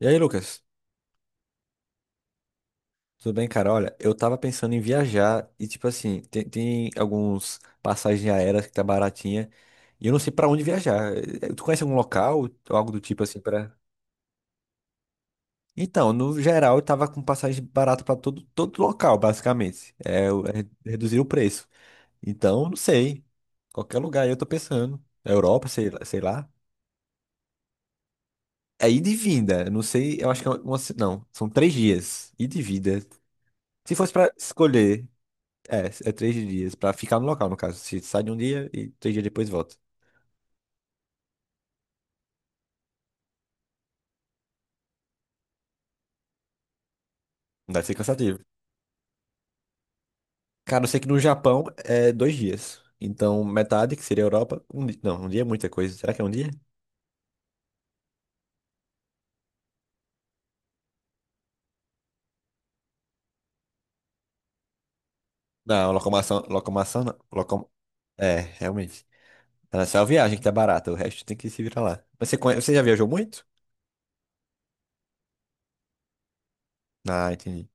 E aí, Lucas? Tudo bem, cara? Olha, eu tava pensando em viajar e, tipo assim, tem alguns passagens aéreas que tá baratinha e eu não sei pra onde viajar. Tu conhece algum local ou algo do tipo assim pra. Então, no geral, eu tava com passagem barata pra todo local, basicamente. É, é reduzir o preço. Então, não sei. Qualquer lugar aí eu tô pensando. Europa, sei lá. É ida e vinda. Eu não sei, eu acho que é uma. Não, são 3 dias. Ida e vinda. Se fosse pra escolher. É, 3 dias, pra ficar no local, no caso. Se sai de um dia e 3 dias depois volta. Não deve ser cansativo. Cara, eu sei que no Japão é 2 dias. Então, metade, que seria a Europa, um dia. Não, um dia é muita coisa. Será que é um dia? Não, locomoção, locomoção, não. Locom... É, realmente. Tá só a viagem que tá barata, o resto tem que se virar lá. Mas você já viajou muito? Ah, entendi.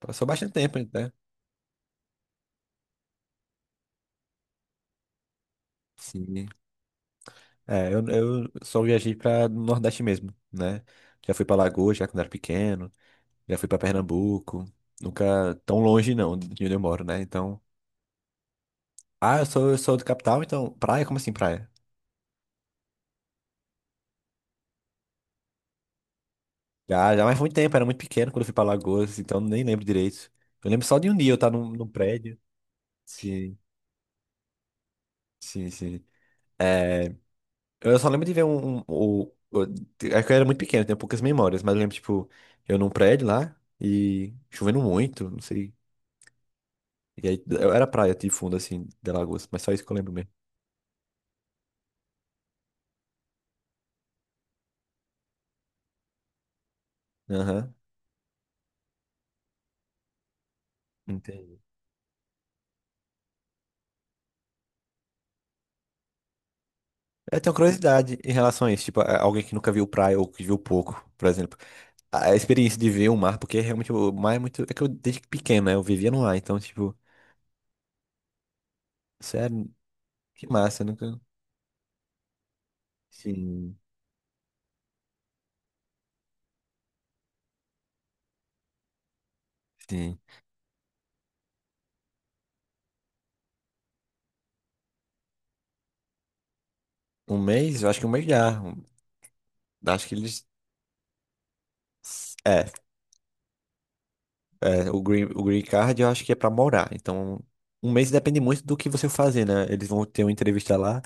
Passou bastante tempo, né? Sim. É, eu só viajei pra Nordeste mesmo, né? Já fui pra Lagoa, já quando era pequeno. Já fui pra Pernambuco. Nunca tão longe, não, de onde eu moro, né? Então. Ah, eu sou do capital, então. Praia? Como assim, praia? Já, já, mas foi muito tempo, era muito pequeno quando eu fui pra Alagoas, então nem lembro direito. Eu lembro só de um dia eu estar num prédio. Sim, sim, sim. É, eu só lembro de ver um. É que eu era muito pequeno, tenho poucas memórias, mas eu lembro, tipo, eu num prédio lá e chovendo muito, não sei. E aí era praia de fundo, assim, de Alagoas, mas só isso que eu lembro mesmo. Aham. Entendi. Eu tenho curiosidade em relação a isso, tipo, alguém que nunca viu praia ou que viu pouco, por exemplo. A experiência de ver o mar, porque realmente o mar é muito. É que eu desde pequeno, né? Eu vivia no mar, então, tipo, sério, que massa, eu nunca. Sim. Sim. Um mês? Eu acho que um mês já. Acho que eles. É, é, o Green Card eu acho que é pra morar. Então, um mês depende muito do que você fazer, né? Eles vão ter uma entrevista lá.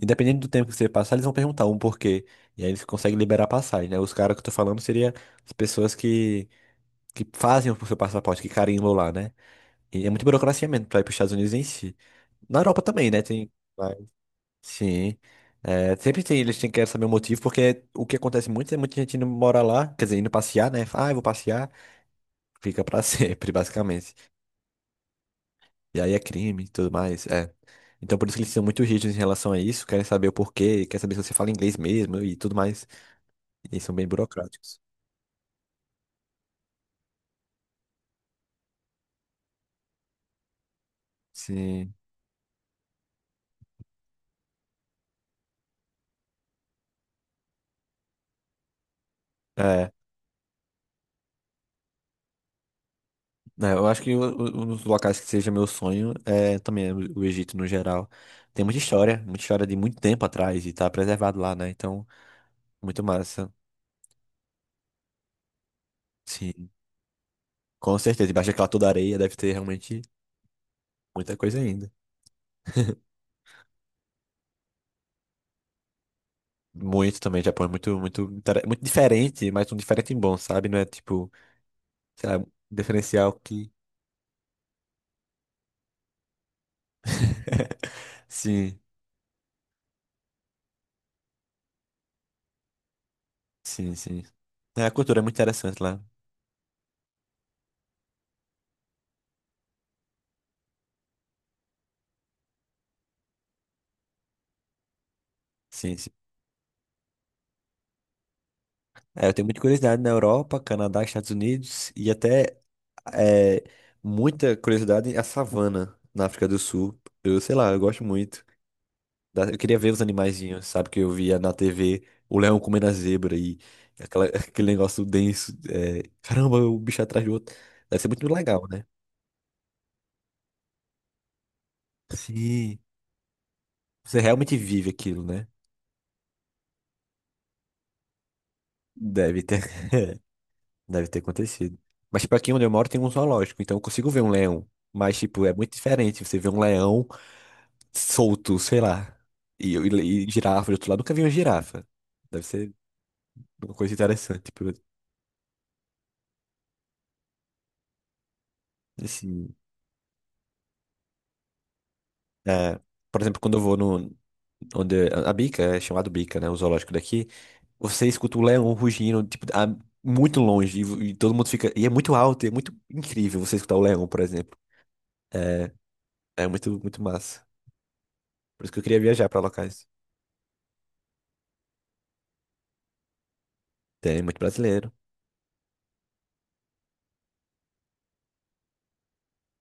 E dependendo do tempo que você passar, eles vão perguntar um porquê. E aí eles conseguem liberar a passagem, né? Os caras que eu tô falando seria as pessoas que fazem o seu passaporte, que carimbam lá, né? E é muito burocracia mesmo pra ir pros Estados Unidos em si. Na Europa também, né? Tem. Vai. Sim. É, sempre tem, eles têm que saber o motivo, porque o que acontece muito é muita gente indo morar lá, quer dizer, indo passear, né? Ah, eu vou passear, fica pra sempre, basicamente. E aí é crime e tudo mais, é. Então por isso que eles são muito rígidos em relação a isso, querem saber o porquê, querem saber se você fala inglês mesmo e tudo mais. E são bem burocráticos. Sim. É. Né, eu acho que um dos locais que seja meu sonho é também o Egito no geral. Tem muita história de muito tempo atrás e tá preservado lá, né? Então, muito massa. Sim, com certeza. Embaixo daquela toda areia deve ter realmente muita coisa ainda. Muito também, Japão é muito, muito diferente, mas um diferente bom, sabe? Não é tipo, sei lá, um diferencial que. Sim, sim, sim. É, a cultura é muito interessante lá. Sim, sim. É, eu tenho muita curiosidade na Europa, Canadá, Estados Unidos e até é, muita curiosidade em a savana na África do Sul. Eu sei lá, eu gosto muito. Eu queria ver os animaizinhos, sabe? Que eu via na TV o leão comendo a zebra e aquele negócio denso. É, caramba, o bicho atrás do outro. Deve ser muito legal, né? Sim. Você realmente vive aquilo, né? Deve ter, deve ter acontecido. Mas, tipo, aqui onde eu moro tem um zoológico, então eu consigo ver um leão. Mas, tipo, é muito diferente você ver um leão solto, sei lá. E girafa do outro lado, nunca vi uma girafa. Deve ser uma coisa interessante. Tipo, assim, é, por exemplo, quando eu vou no. Onde a Bica, é chamado Bica, né? O zoológico daqui. Você escuta o leão rugindo, tipo, muito longe. E todo mundo fica. E é muito alto, e é muito incrível você escutar o leão, por exemplo. É, é, muito, muito massa. Por isso que eu queria viajar pra locais. Tem muito brasileiro.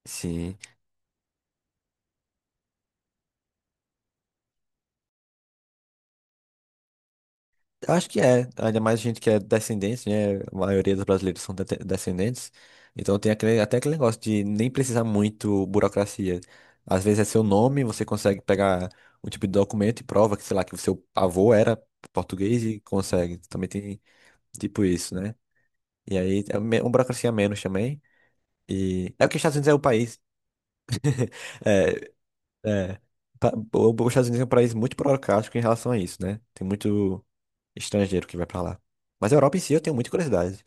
Sim. Eu acho que é. Ainda mais gente que é descendente, né? A maioria dos brasileiros são descendentes. Então tem aquele, até aquele negócio de nem precisar muito burocracia. Às vezes é seu nome, você consegue pegar um tipo de documento e prova que, sei lá, que o seu avô era português e consegue. Também tem tipo isso, né? E aí é uma burocracia a menos também. E é porque os Estados Unidos é o país. É, é. Os Estados Unidos é um país muito burocrático em relação a isso, né? Tem muito estrangeiro que vai pra lá. Mas a Europa em si eu tenho muita curiosidade.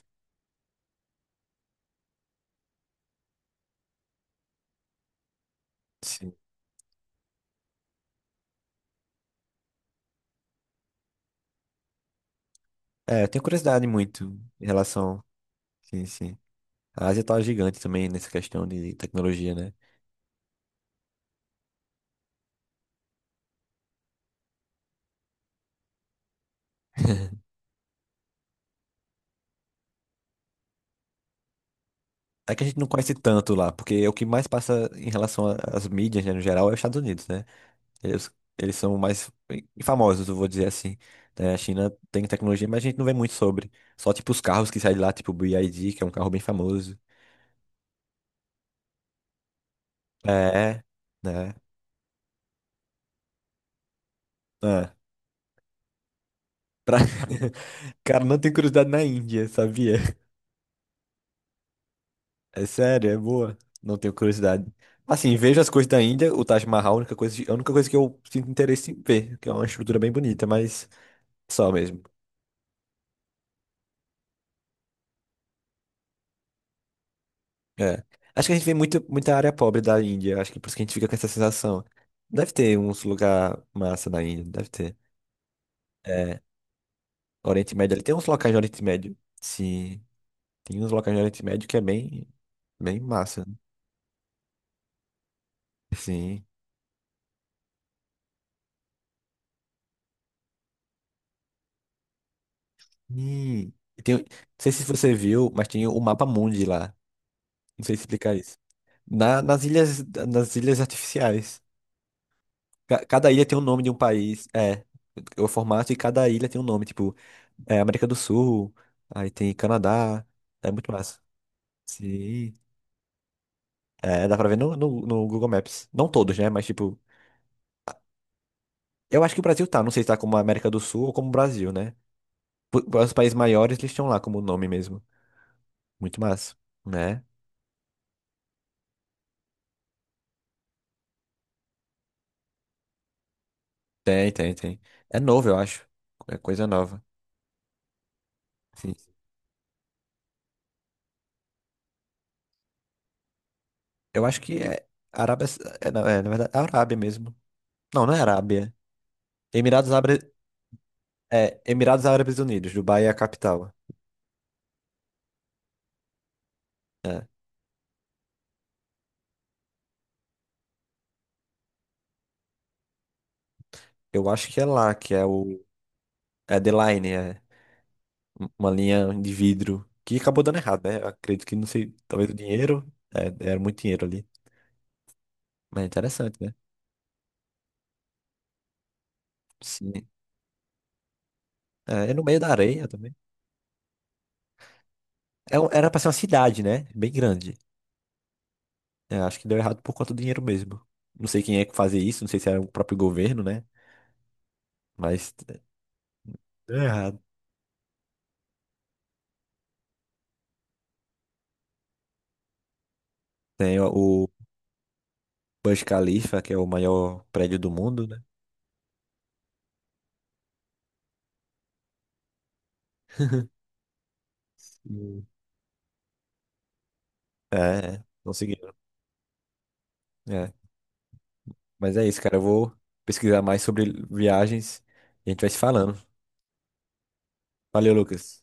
Sim. É, eu tenho curiosidade muito em relação. Sim, sim. A Ásia tá gigante também nessa questão de tecnologia, né? É que a gente não conhece tanto lá, porque o que mais passa em relação às mídias, né, no geral, é os Estados Unidos, né? Eles, eles são mais famosos, eu vou dizer assim. Né? A China tem tecnologia, mas a gente não vê muito sobre. Só, tipo, os carros que saem de lá, tipo o BYD, que é um carro bem famoso. É, né? Ah, pra... Cara, não tem curiosidade na Índia, sabia? É sério, é boa. Não tenho curiosidade. Assim, vejo as coisas da Índia, o Taj Mahal, a única coisa que eu sinto interesse em ver, que é uma estrutura bem bonita, mas só mesmo. É. Acho que a gente vê muito, muita área pobre da Índia, acho que por isso que a gente fica com essa sensação. Deve ter uns lugar massa na Índia, deve ter. É, Oriente Médio, ali tem uns locais no Oriente Médio. Sim, tem uns locais no Oriente Médio que é bem, bem massa. Sim. Hum. E tem, não sei se você viu, mas tem o Mapa Mundi lá. Não sei explicar isso. Nas ilhas artificiais. Cada ilha tem o nome de um país. É, o formato e cada ilha tem um nome. Tipo, é, América do Sul, aí tem Canadá. É muito massa. Sim. É, dá pra ver no Google Maps. Não todos, né? Mas, tipo, eu acho que o Brasil tá. Não sei se tá como América do Sul ou como Brasil, né? Os países maiores, eles estão lá como nome mesmo. Muito massa, né? Tem, tem, tem. É novo, eu acho. É coisa nova. Sim. Eu acho que é Arábia. É, não, é, na verdade, é Arábia mesmo. Não, não é Arábia. Emirados Árabes, é, Emirados Árabes Unidos, Dubai é a capital. É, eu acho que é lá, que é o. É The Line, é uma linha de vidro. Que acabou dando errado, né? Eu acredito que não sei, talvez o dinheiro. É, era muito dinheiro ali. Mas é interessante, né? Sim. É, no meio da areia também. Era pra ser uma cidade, né? Bem grande. É, acho que deu errado por conta do dinheiro mesmo. Não sei quem é que fazia isso, não sei se era o próprio governo, né? Mas é, deu errado. Tem o Burj Khalifa, que é o maior prédio do mundo, né? Sim. É, não seguiram. É. Mas é isso, cara. Eu vou pesquisar mais sobre viagens e a gente vai se falando. Valeu, Lucas.